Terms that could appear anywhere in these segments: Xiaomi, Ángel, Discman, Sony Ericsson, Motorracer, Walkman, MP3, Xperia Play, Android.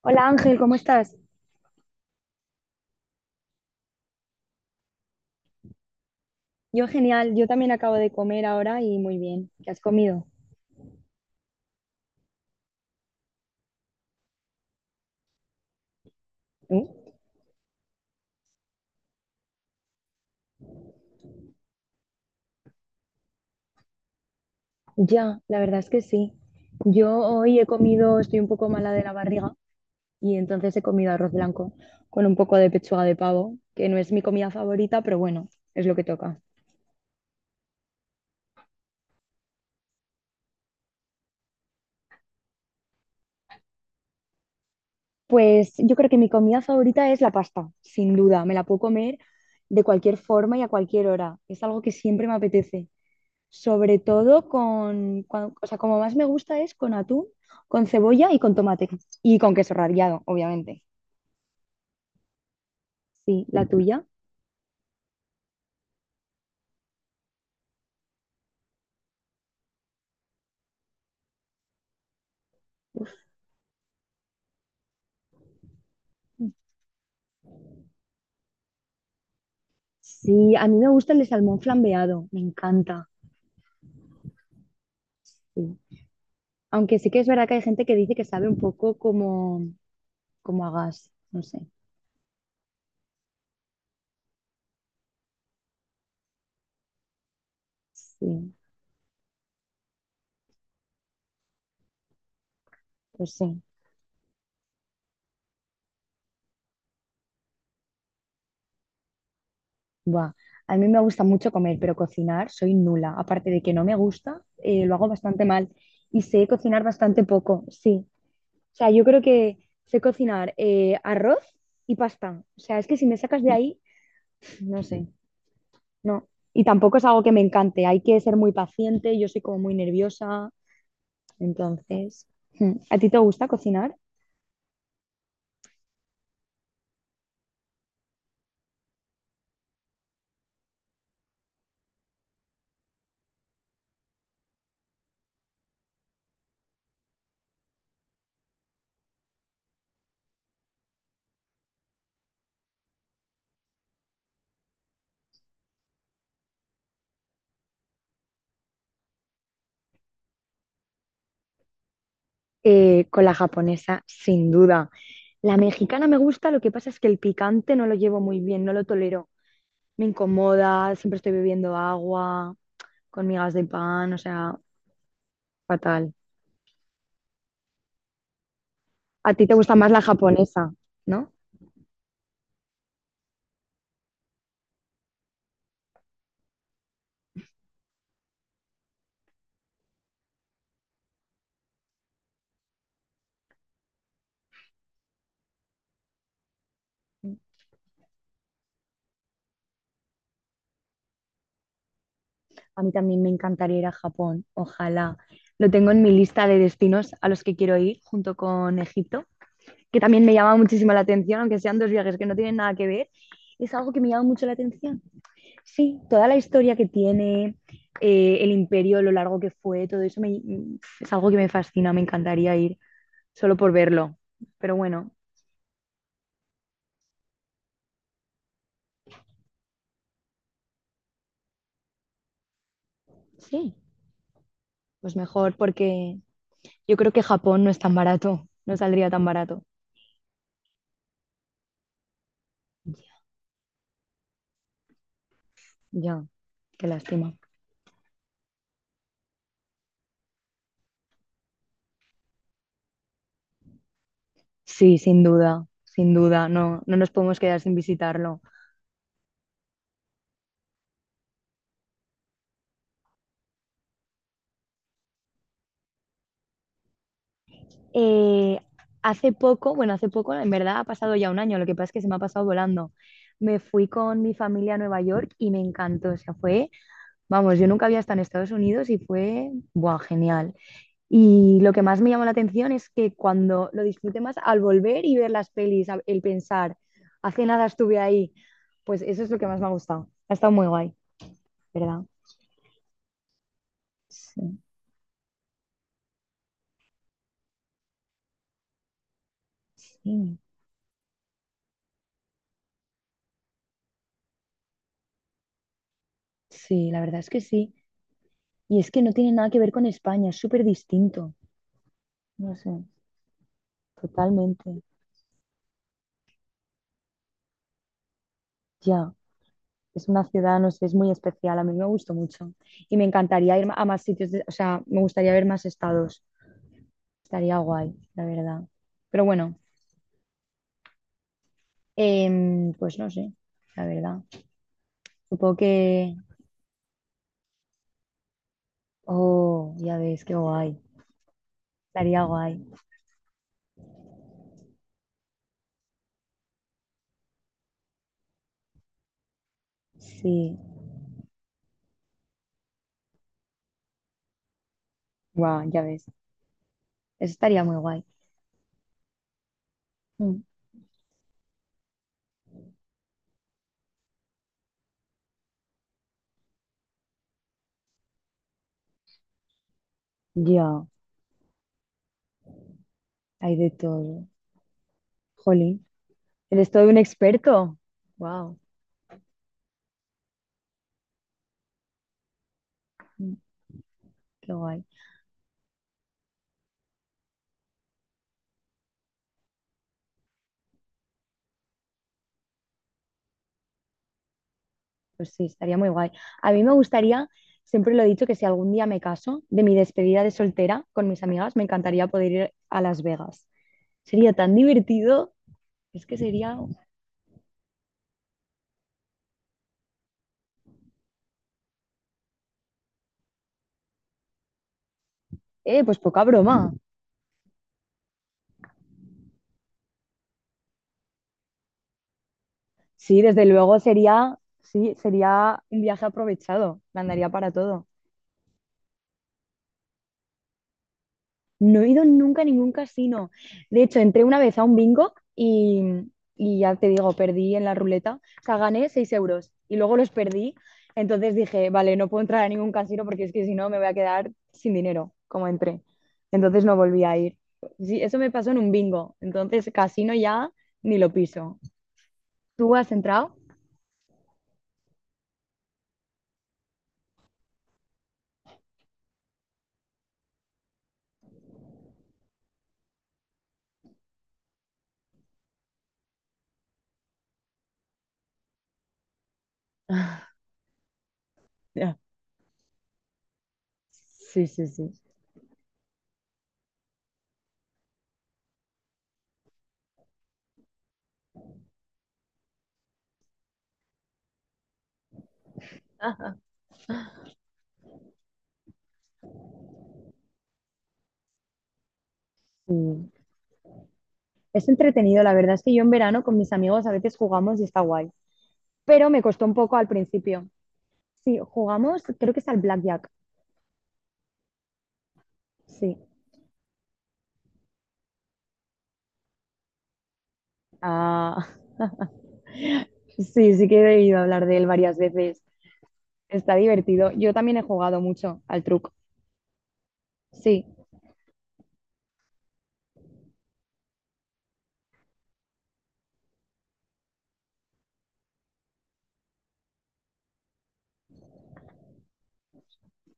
Hola Ángel, ¿cómo estás? Yo genial, yo también acabo de comer ahora y muy bien. ¿Qué has comido? ¿Tú? Ya, la verdad es que sí. Yo hoy he comido, estoy un poco mala de la barriga y entonces he comido arroz blanco con un poco de pechuga de pavo, que no es mi comida favorita, pero bueno, es lo que toca. Pues yo creo que mi comida favorita es la pasta, sin duda. Me la puedo comer de cualquier forma y a cualquier hora. Es algo que siempre me apetece. Sobre todo con, o sea, como más me gusta es con atún, con cebolla y con tomate. Y con queso rallado, obviamente. Sí, la tuya. Sí, a mí me gusta el de salmón flambeado, me encanta. Sí. Aunque sí que es verdad que hay gente que dice que sabe un poco como, como a gas, no sé. Sí, pues sí. Buah. A mí me gusta mucho comer, pero cocinar soy nula. Aparte de que no me gusta, lo hago bastante mal y sé cocinar bastante poco, sí. O sea, yo creo que sé cocinar arroz y pasta. O sea, es que si me sacas de ahí, no sé, no. Y tampoco es algo que me encante. Hay que ser muy paciente, yo soy como muy nerviosa. Entonces, mm. ¿a ti te gusta cocinar? Con la japonesa, sin duda. La mexicana me gusta, lo que pasa es que el picante no lo llevo muy bien, no lo tolero. Me incomoda, siempre estoy bebiendo agua con migas de pan, o sea, fatal. A ti te gusta más la japonesa, ¿no? A mí también me encantaría ir a Japón, ojalá. Lo tengo en mi lista de destinos a los que quiero ir, junto con Egipto, que también me llama muchísimo la atención, aunque sean dos viajes que no tienen nada que ver, es algo que me llama mucho la atención. Sí, toda la historia que tiene, el imperio, lo largo que fue, todo eso es algo que me fascina, me encantaría ir solo por verlo. Pero bueno, sí, pues mejor, porque yo creo que Japón no es tan barato, no saldría tan barato. Ya, qué lástima. Sí, sin duda, sin duda, no, no nos podemos quedar sin visitarlo. Eh, hace poco, bueno, hace poco, en verdad ha pasado ya un año, lo que pasa es que se me ha pasado volando. Me fui con mi familia a Nueva York y me encantó, o sea, fue, vamos, yo nunca había estado en Estados Unidos y fue, buah, genial. Y lo que más me llamó la atención es que cuando lo disfruté más al volver y ver las pelis, el pensar, hace nada estuve ahí, pues eso es lo que más me ha gustado. Ha estado muy guay, ¿verdad? Sí, sí. Sí, la verdad es que sí. Y es que no tiene nada que ver con España, es súper distinto. No sé, totalmente. Ya, es una ciudad, no sé, es muy especial. A mí me gustó mucho. Y me encantaría ir a más sitios, o sea, me gustaría ver más estados. Estaría guay, la verdad. Pero bueno, pues no sé, la verdad. Supongo que... Oh, ya ves, qué guay. Estaría guay. Sí, guau, ya ves. Eso estaría muy guay. Mm. Ya, hay de todo. Jolín. Eres todo un experto. Wow, qué guay. Pues sí, estaría muy guay. A mí me gustaría, siempre lo he dicho, que si algún día me caso, de mi despedida de soltera con mis amigas, me encantaría poder ir a Las Vegas. Sería tan divertido, es que sería, pues poca broma. Sí, desde luego sería, sí, sería un viaje aprovechado, me andaría para todo. No he ido nunca a ningún casino. De hecho, entré una vez a un bingo y ya te digo, perdí en la ruleta. O sea, gané 6 euros y luego los perdí. Entonces dije, vale, no puedo entrar a ningún casino porque es que si no me voy a quedar sin dinero, como entré. Entonces no volví a ir. Sí, eso me pasó en un bingo. Entonces, casino ya ni lo piso. ¿Tú has entrado? Ya. Sí, sí, sí. Ajá. Sí. Es entretenido, la verdad es que yo en verano con mis amigos a veces jugamos y está guay. Pero me costó un poco al principio. Sí, jugamos, creo que es al Blackjack. Sí. Ah, sí, sí que he debido hablar de él varias veces. Está divertido. Yo también he jugado mucho al truco. Sí,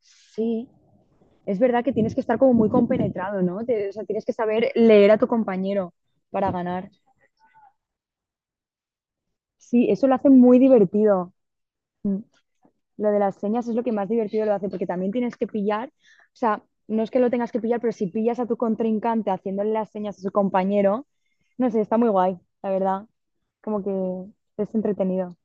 sí. Es verdad que tienes que estar como muy compenetrado, ¿no? O sea, tienes que saber leer a tu compañero para ganar. Sí, eso lo hace muy divertido. Mm. Lo de las señas es lo que más divertido lo hace, porque también tienes que pillar, o sea, no es que lo tengas que pillar, pero si pillas a tu contrincante haciéndole las señas a su compañero, no sé, está muy guay, la verdad. Como que es entretenido.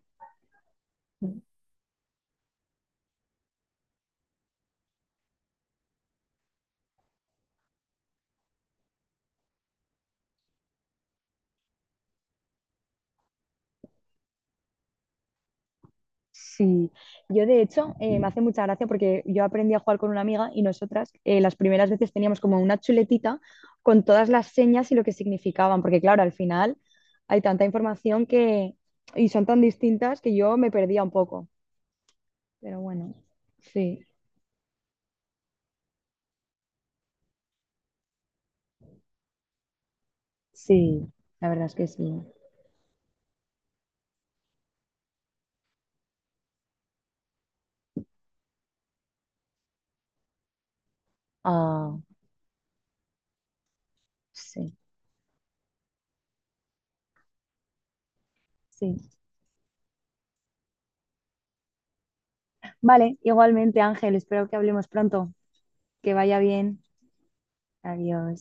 Sí, yo de hecho me hace mucha gracia porque yo aprendí a jugar con una amiga y nosotras las primeras veces teníamos como una chuletita con todas las señas y lo que significaban, porque claro, al final hay tanta información que y son tan distintas que yo me perdía un poco, pero bueno, sí. Sí, la verdad es que sí. Ah, sí, sí. Vale, igualmente, Ángel, espero que hablemos pronto. Que vaya bien. Adiós.